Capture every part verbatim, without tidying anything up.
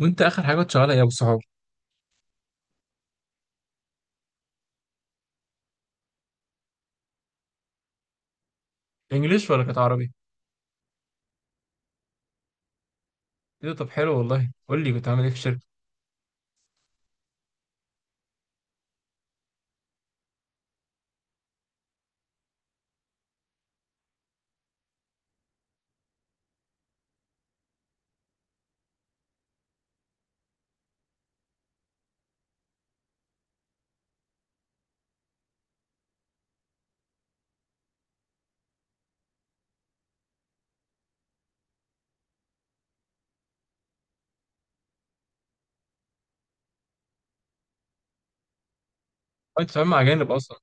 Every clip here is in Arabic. وانت اخر حاجه كنت شغالها ايه يا ابو الصحاب؟ انجليش ولا كانت عربي؟ ايه ده، طب حلو والله، قول لي كنت عامل ايه في الشركه. أه، انت بتتعامل مع اجانب اصلا؟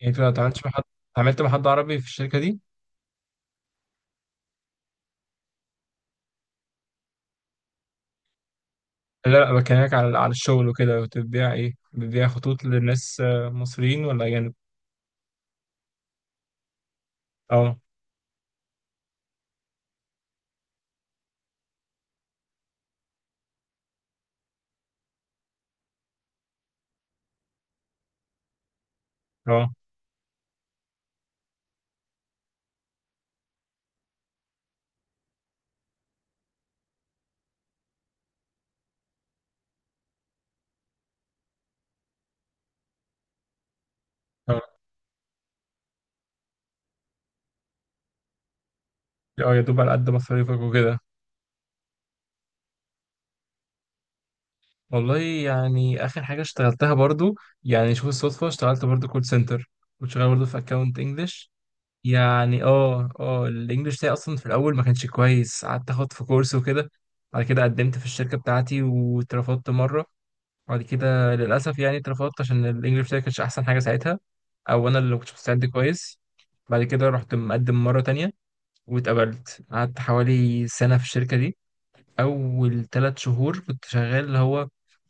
يعني انت ما اتعاملتش مع حد؟ اتعاملت مع حد عربي في الشركه دي؟ لا، لا، بكلمك على على الشغل وكده، كنت بتبيع ايه؟ بتبيع خطوط للناس آه، مصريين ولا اجانب؟ اه، اه، اه، اه، يا دوب على قد مصاريفك وكده. والله يعني اخر حاجه اشتغلتها برضو، يعني شوف الصدفه، اشتغلت برضو كول سنتر، كنت شغال برضو في اكونت انجلش. يعني اه، اه، الانجليش بتاعي اصلا في الاول ما كانش كويس، قعدت اخد في كورس وكده. بعد كده قدمت في الشركه بتاعتي واترفضت مره. بعد كده للاسف يعني اترفضت عشان الانجليش بتاعي كانش احسن حاجه ساعتها، او انا اللي ما كنتش مستعد كويس. بعد كده رحت مقدم مره تانية واتقبلت، قعدت حوالي سنه في الشركه دي. اول ثلاث شهور كنت شغال اللي هو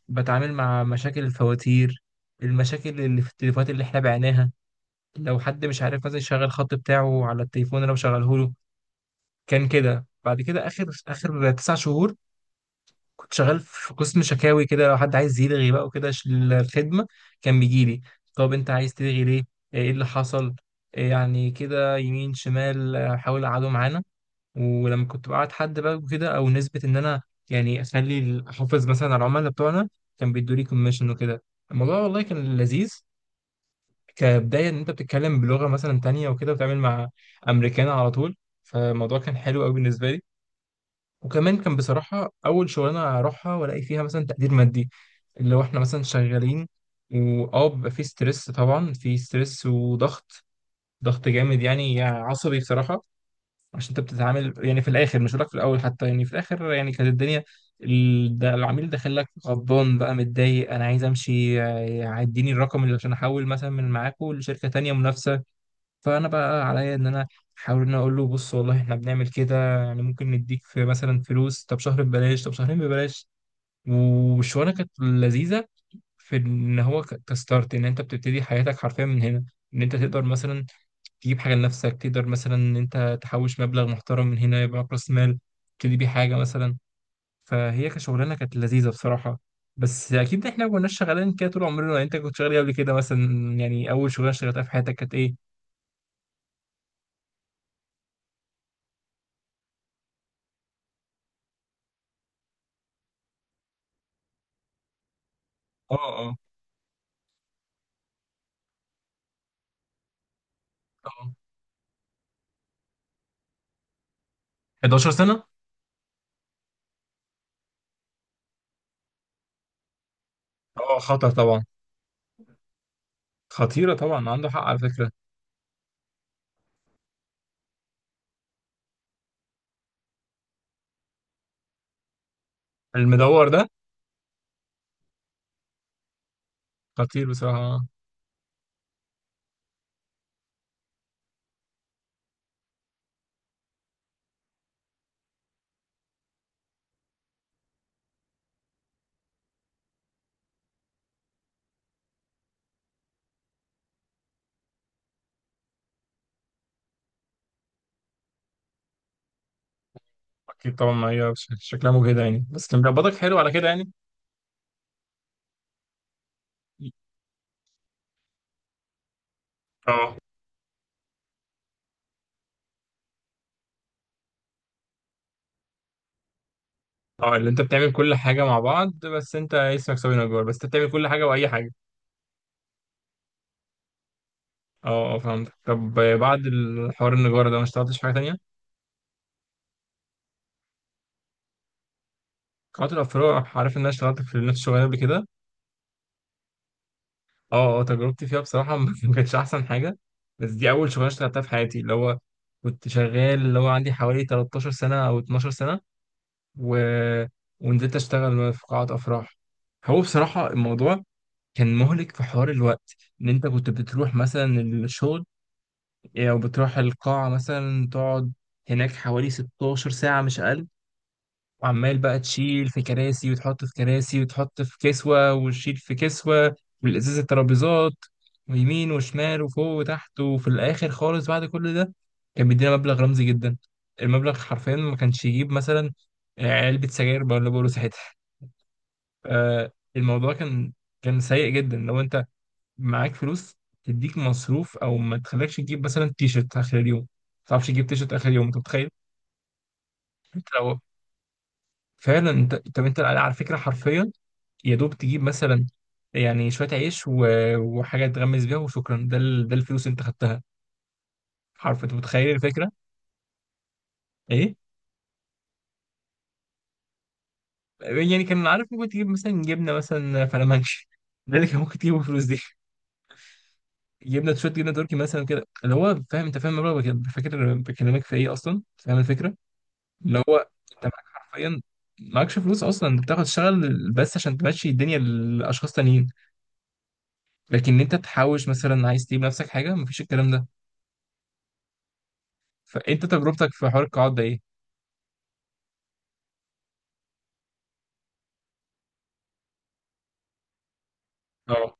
بتعامل مع مشاكل الفواتير، المشاكل اللي في التليفونات اللي احنا بعناها، لو حد مش عارف مثلا يشغل الخط بتاعه على التليفون اللي انا بشغله له. كان كده. بعد كده اخر اخر تسع شهور كنت شغال في قسم شكاوي كده، لو حد عايز يلغي بقى وكده ش- الخدمه، كان بيجي لي: طب انت عايز تلغي ليه؟ آه، ايه اللي حصل؟ إيه يعني كده يمين شمال، آه، حاول اقعده معانا. ولما كنت بقعد حد بقى وكده، او نسبه ان انا يعني اخلي ال- احافظ مثلا على العملاء بتوعنا، كان بيدوا لي كوميشن وكده. الموضوع والله كان لذيذ، كبداية إن أنت بتتكلم بلغة مثلا تانية وكده وتعمل مع أمريكان على طول. فالموضوع كان حلو أوي بالنسبة لي، وكمان كان بصراحة أول شغلانة أروحها وألاقي فيها مثلا تقدير مادي. اللي هو إحنا مثلا شغالين، وأه بيبقى في ستريس، طبعا في ستريس وضغط، ضغط جامد يعني عصبي بصراحة. عشان أنت بتتعامل يعني في الآخر، مش هقولك في الأول حتى، يعني في الآخر يعني كانت الدنيا، ال- ده العميل داخل لك غضبان بقى متضايق: انا عايز امشي، آه، اديني الرقم اللي عشان احول مثلا من معاكو لشركه تانية منافسه. فانا بقى عليا ان انا احاول ان أنا اقول له بص والله احنا بنعمل كده، يعني ممكن نديك في مثلا فلوس، طب شهر ببلاش، طب شهرين ببلاش. والشغلانه كانت لذيذه في ان هو ك- كستارت ان انت بتبتدي حياتك حرفيا من هنا، ان انت تقدر مثلا تجيب حاجه لنفسك، تقدر مثلا ان انت تحوش مبلغ محترم من هنا يبقى معاك راس مال تبتدي بيه حاجه مثلا. فهي كشغلانه كانت لذيذه بصراحه. بس اكيد احنا ما كناش شغالين كده طول عمرنا، يعني انت كنت شغال إيه قبل كده مثلا؟ يعني اول شغلانه اشتغلتها في حياتك كانت ايه؟ اه، اه، 11 سنة. اه، خطر طبعا. خطيرة طبعا، عنده حق على فكرة. المدور ده؟ خطير بصراحة. أكيد طبعا، ما هي ش- شكلها مجهدة يعني، بس كان بيقبضك حلو على كده يعني. اه، اه، اللي أنت بتعمل كل حاجة مع بعض، بس أنت اسمك سوي نجار، بس أنت بتعمل كل حاجة وأي حاجة. اه، اه، فهمت. طب بعد الحوار النجارة ده ما اشتغلتش في حاجة تانية؟ قطع الأفراد، عارف إن أنا اشتغلت في نفس الشغلانة قبل كده. اه، اه، تجربتي فيها بصراحة ما كانتش أحسن حاجة. بس دي أول شغلانة اشتغلتها في حياتي، اللي هو كنت شغال، اللي هو عندي حوالي 13 سنة أو 12 سنة و... ونزلت أشتغل في قاعة أفراح. هو بصراحة الموضوع كان مهلك في حوار الوقت، إن أنت كنت بتروح مثلا الشغل أو بتروح القاعة مثلا تقعد هناك حوالي 16 ساعة مش أقل، وعمال بقى تشيل في كراسي وتحط في كراسي وتحط في كسوة وتشيل في كسوة والإزاز الترابيزات ويمين وشمال وفوق وتحت، وفي الآخر خالص بعد كل ده كان بيدينا مبلغ رمزي جدا. المبلغ حرفيا ما كانش يجيب مثلا علبة سجاير بقى اللي بقوله ساعتها. آه، الموضوع كان كان سيء جدا. لو أنت معاك فلوس تديك مصروف أو ما تخليكش تجيب مثلا تيشرت آخر اليوم، ما تعرفش تجيب تيشرت آخر اليوم، أنت متخيل؟ أنت لو فعلا أنت، طب أنت على فكرة حرفيا يا دوب تجيب مثلا يعني شوية عيش و... وحاجة تغمس بيها وشكرا. ده ال... ده الفلوس اللي انت خدتها حرف، انت متخيل الفكرة؟ ايه يعني، كان عارف ممكن تجيب مثلا جبنة مثلا فلامنش، ده اللي كان ممكن تجيبه بالفلوس دي. جبنة شوية، جبنة تركي مثلا كده، اللي هو فاهم، انت فاهم المبلغ بك- فاكر بكلمك في ايه اصلا، فاهم الفكرة؟ اللي هو انت معاك حرفيا، معكش فلوس اصلا، انت بتاخد تشتغل بس عشان تمشي الدنيا لاشخاص تانيين، لكن انت تحوش مثلا عايز تجيب نفسك حاجة مفيش الكلام ده. فانت تجربتك في حوار القاعات ده ايه؟ اه،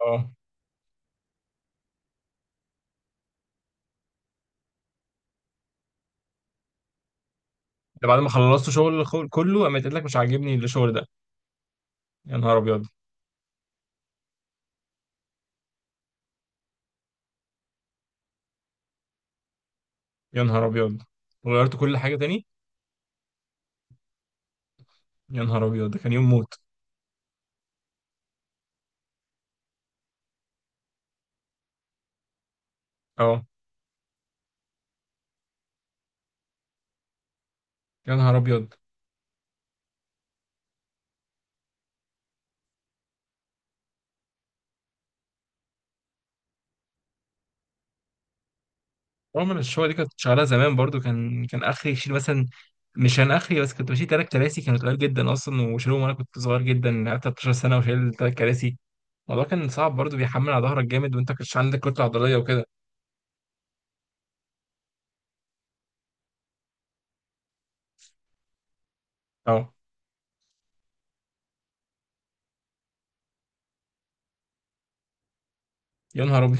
اه، ده بعد ما خلصت شغل خو- كله قامت قالت لك مش عاجبني الشغل ده؟ يا نهار ابيض. يا نهار ابيض. وغيرت كل حاجه تاني؟ يا نهار ابيض، ده كان يوم موت. اه. يا نهار ابيض. رغم ان الشغل دي كانت شغاله زمان برضو، كان كان اخري يشيل مثلا، مش كان اخري بس، كنت بشيل تلات كراسي كانوا تقال جدا اصلا وشيلهم، وانا كنت صغير جدا، قعدت ثلاث عشرة سنة سنه وشايل تلات كراسي. الموضوع كان صعب برضو، بيحمل على ظهرك جامد وانت كنتش عندك كتله عضليه وكده. اه. يا نهار ابيض.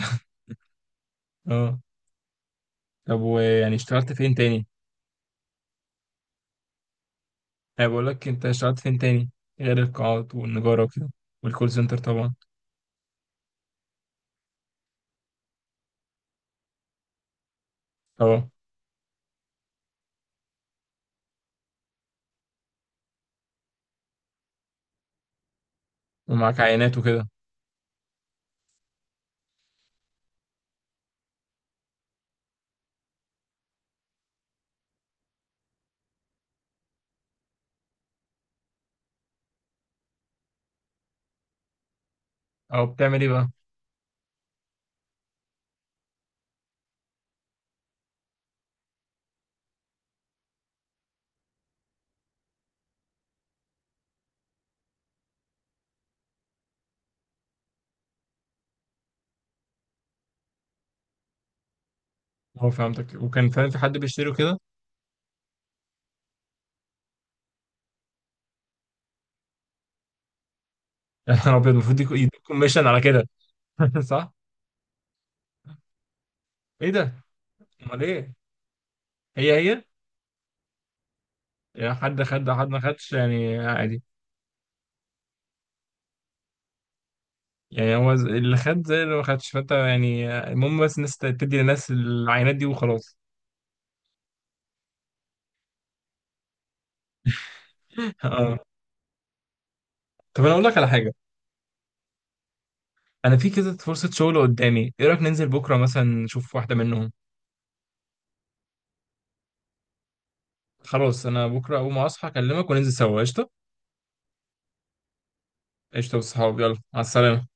اه. طب ويعني اشتغلت فين تاني؟ انا بقول لك انت اشتغلت فين تاني، غير القاعات والنجارة وكده والكول سنتر طبعا. اه. ومعاك عينات وكده. اه، بتعمل ايه بقى؟ اه، فهمتك. وكان فعلا في حد بيشتري كده؟ يا نهار ابيض، المفروض يكون- يديك كوميشن على كده. صح. ايه ده؟ امال ايه؟ هي، هي. يعني حد خد حد ما خدش يعني عادي؟ يعني هو ز- اللي خد زي اللي ما خدش، فانت يعني المهم بس الناس ت- تدي للناس العينات دي وخلاص. اه. طب انا اقول لك على حاجه. انا في كده فرصه شغل قدامي، ايه رايك ننزل بكره مثلا نشوف واحده منهم؟ خلاص، انا بكره اول ما اصحى اكلمك وننزل سوا قشطه. قشطه، والصحاب يلا، على السلامه.